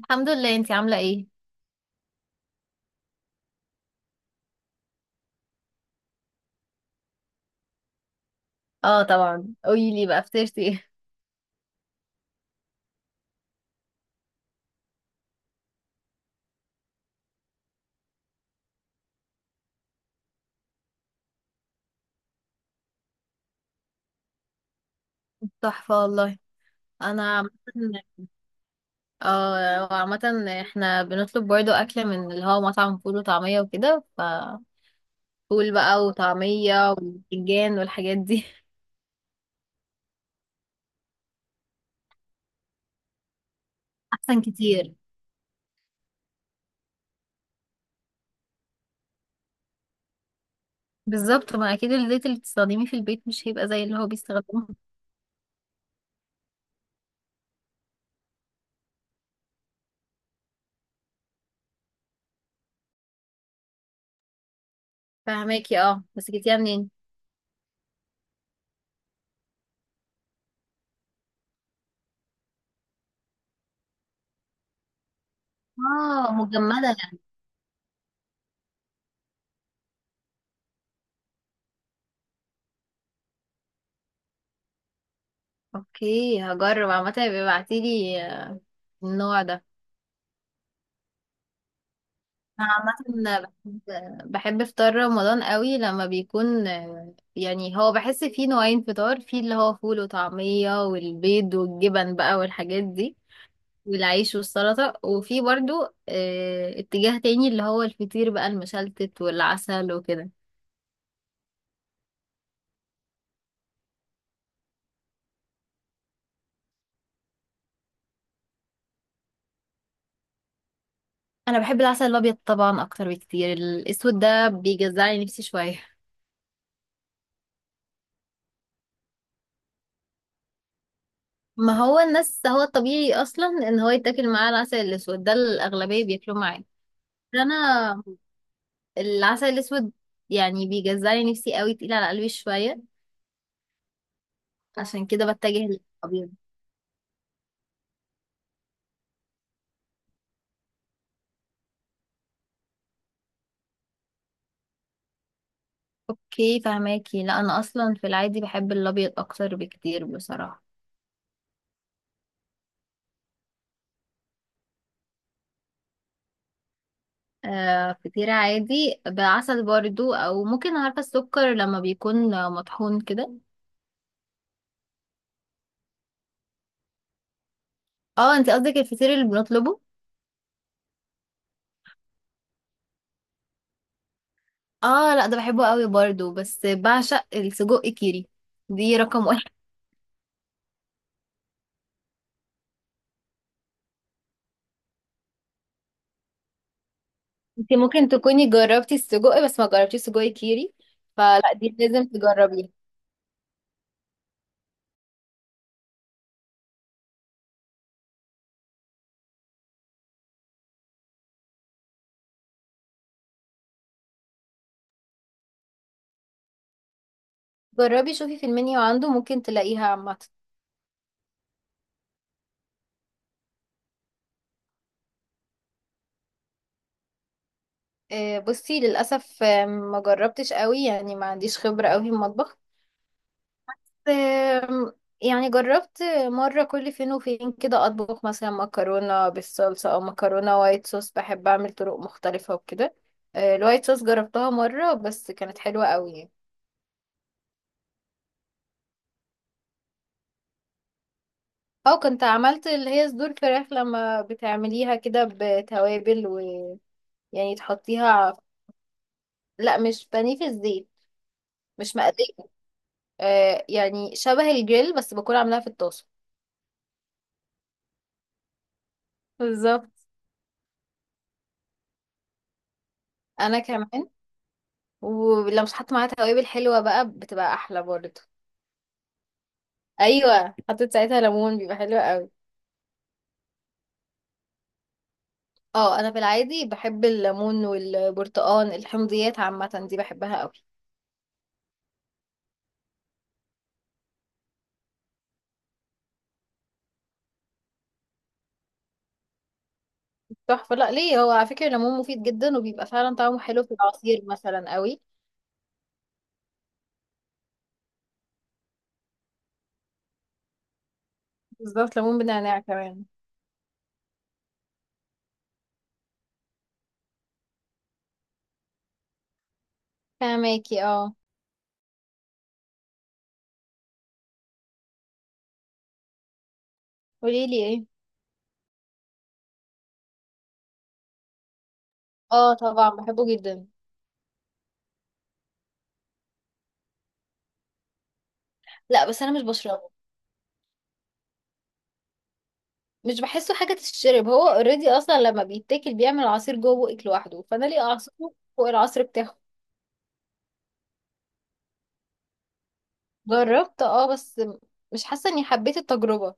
الحمد لله. انتي عاملة ايه؟ اه، طبعا، قوليلي بقى فطرتي ايه؟ تحفة والله. انا عامة، اه، عامة. احنا بنطلب برضو اكل من اللي هو مطعم فول وطعمية وكده، فول بقى وطعمية وبتنجان والحاجات دي. احسن كتير. بالظبط، ما اكيد الزيت اللي بتستخدميه في البيت مش هيبقى زي اللي هو بيستخدمه. فهماكي، اه، بس جبتيها منين؟ اه، مجمدة. اوكي، هجرب عامة، يبقى ابعتيلي النوع ده. أنا عامة بحب فطار رمضان قوي لما بيكون، يعني هو بحس فيه نوعين فطار، فيه اللي هو فول وطعمية والبيض والجبن بقى والحاجات دي والعيش والسلطة، وفي برضو اتجاه تاني اللي هو الفطير بقى المشلتت والعسل وكده. أنا بحب العسل الأبيض طبعا أكتر بكتير، الأسود ده بيجزعلي نفسي شوية. ما هو الناس، هو الطبيعي أصلا إن هو يتاكل معاه العسل الأسود، ده الأغلبية بياكلوه معاه. انا العسل الأسود يعني بيجزعني نفسي قوي، تقيل على قلبي شوية، عشان كده بتجه للأبيض. اوكي فهماكي. لا، أنا أصلا في العادي بحب الأبيض أكتر بكتير بصراحة. فطيرة عادي بعسل برضو، أو ممكن، عارفة، السكر لما بيكون مطحون كده. اه، انتي قصدك الفطير اللي بنطلبه. اه لا، ده بحبه قوي برضو، بس بعشق السجق كيري، دي رقم واحد. انتي ممكن تكوني جربتي السجق بس ما جربتيش سجق كيري، فلا دي لازم تجربيها. جربي شوفي في المنيو عنده، ممكن تلاقيها عامة. بصي، للأسف ما جربتش قوي، يعني ما عنديش خبرة قوي في المطبخ. آم، يعني جربت مرة كل فين وفين كده أطبخ مثلا مكرونة بالصلصة أو مكرونة وايت صوص، بحب أعمل طرق مختلفة وكده. الوايت صوص جربتها مرة بس كانت حلوة قوي يعني. أو كنت عملت اللي هي صدور فراخ، لما بتعمليها كده بتوابل ويعني تحطيها. لا، مش بانيه في الزيت، مش مقلية. يعني شبه الجريل بس بكون عاملاها في الطاسة. بالظبط. انا كمان. ولو مش حط معاها توابل حلوة بقى بتبقى احلى برضه. ايوه، حطيت ساعتها ليمون بيبقى حلو قوي. اه، انا في العادي بحب الليمون والبرتقان، الحمضيات عامة دي بحبها قوي. تحفه. لا ليه، هو على فكره الليمون مفيد جدا وبيبقى فعلا طعمه حلو في العصير مثلا قوي. بالظبط، ليمون بنعناع كمان. فهماكي، اه. قولي لي ايه. اه طبعا بحبه جدا. لا بس انا مش بشربه، مش بحسه حاجة تشرب، هو اوريدي اصلا لما بيتاكل بيعمل عصير جوه بقك لوحده، فانا ليه اعصره فوق العصر بتاعه. جربت، بس مش حاسة اني حبيت التجربة.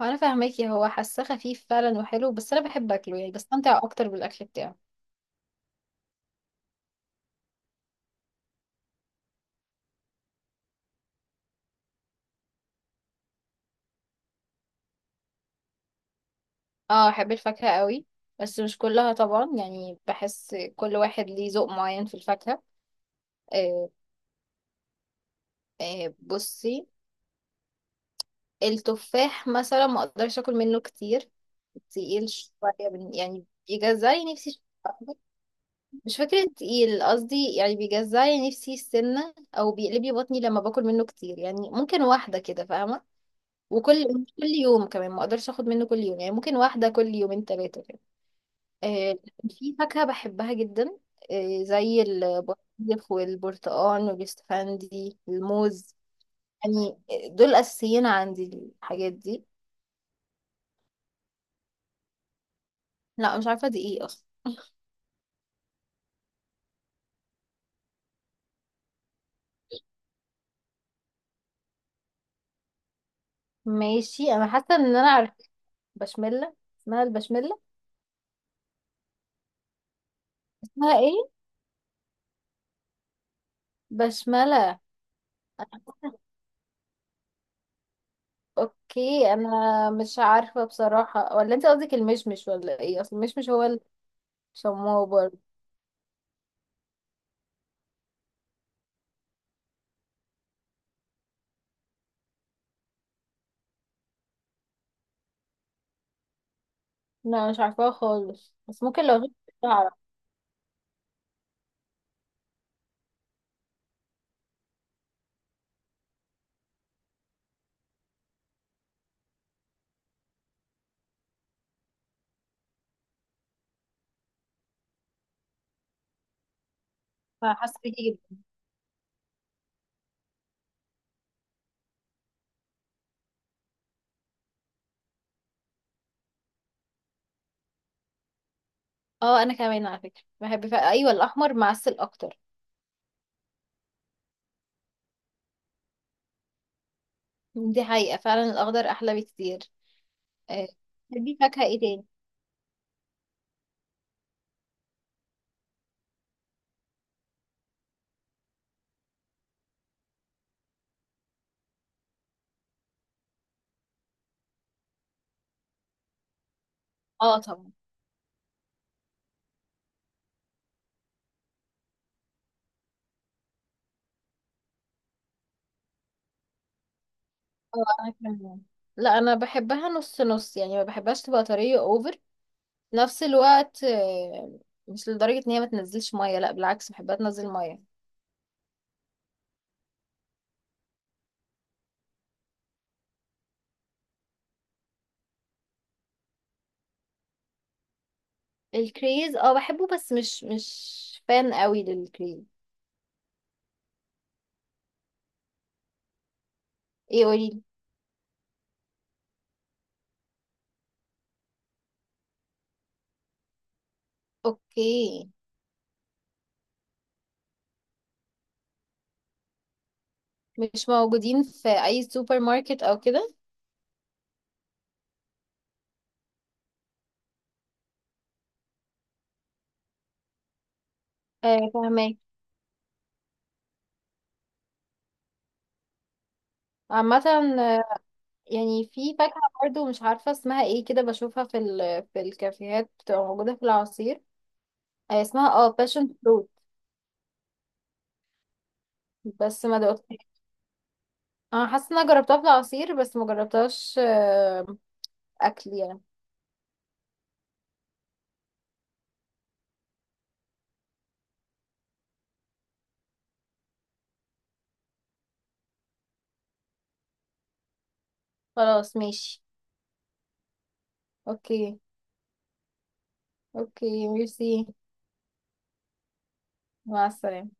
انا فاهماكي، هو حاساه خفيف فعلا وحلو، بس انا بحب اكله يعني، بستمتع اكتر بالاكل بتاعه. اه، احب الفاكهة قوي، بس مش كلها طبعا، يعني بحس كل واحد ليه ذوق معين في الفاكهة. آه بصي، التفاح مثلا ما اقدرش اكل منه كتير، تقيل شوية، يعني بيجزعلي نفسي شوية. مش فكرة تقيل قصدي، يعني بيجزعلي نفسي السنة أو بيقلب لي بطني لما باكل منه كتير، يعني ممكن واحدة كده، فاهمة. وكل مش كل يوم كمان ما أقدرش أخد منه كل يوم، يعني ممكن واحدة كل يومين تلاتة كده. آه، في فاكهة بحبها جدا، زي البطيخ والبرتقال والاستفندي، الموز يعني، دول أساسيين عندي، الحاجات دي. لا، مش عارفة دي ايه أصلا. ماشي، أنا حاسة إن أنا عارفة، بشملة، اسمها البشملة. اسمها ايه؟ بشملة. اوكي، انا مش عارفه بصراحه، ولا انت قصدك المشمش ولا ايه، اصل المشمش هو الشماوة برضه. لا، مش عارفاها خالص، بس ممكن لو غبت اعرف. حاسه بيكي جدا. اه انا كمان على فكره بحب ايوه، الاحمر معسل اكتر. دي حقيقه فعلا، الاخضر احلى بكتير. آه، بتحبي فاكهه ايه تاني؟ اه طبعا. اه انا كمان. لا انا بحبها نص نص، يعني ما بحبهاش تبقى طريه اوفر في نفس الوقت، مش لدرجه ان هي ما تنزلش ميه، لا بالعكس بحبها تنزل ميه. الكريز، اه بحبه بس مش فان قوي للكريز. ايه قولي. اوكي. مش موجودين في اي سوبر ماركت او كده؟ آه فهماك. عامة، آه، يعني في فاكهة برضو مش عارفة اسمها ايه كده، بشوفها في الكافيهات، بتبقى موجودة في العصير. اسمها باشن فروت، بس ما دقتهاش. انا حاسة ان انا جربتها في العصير بس ما جربتهاش، اكل يعني. خلاص ماشي. اوكي. اوكي ميرسي. مع السلامة.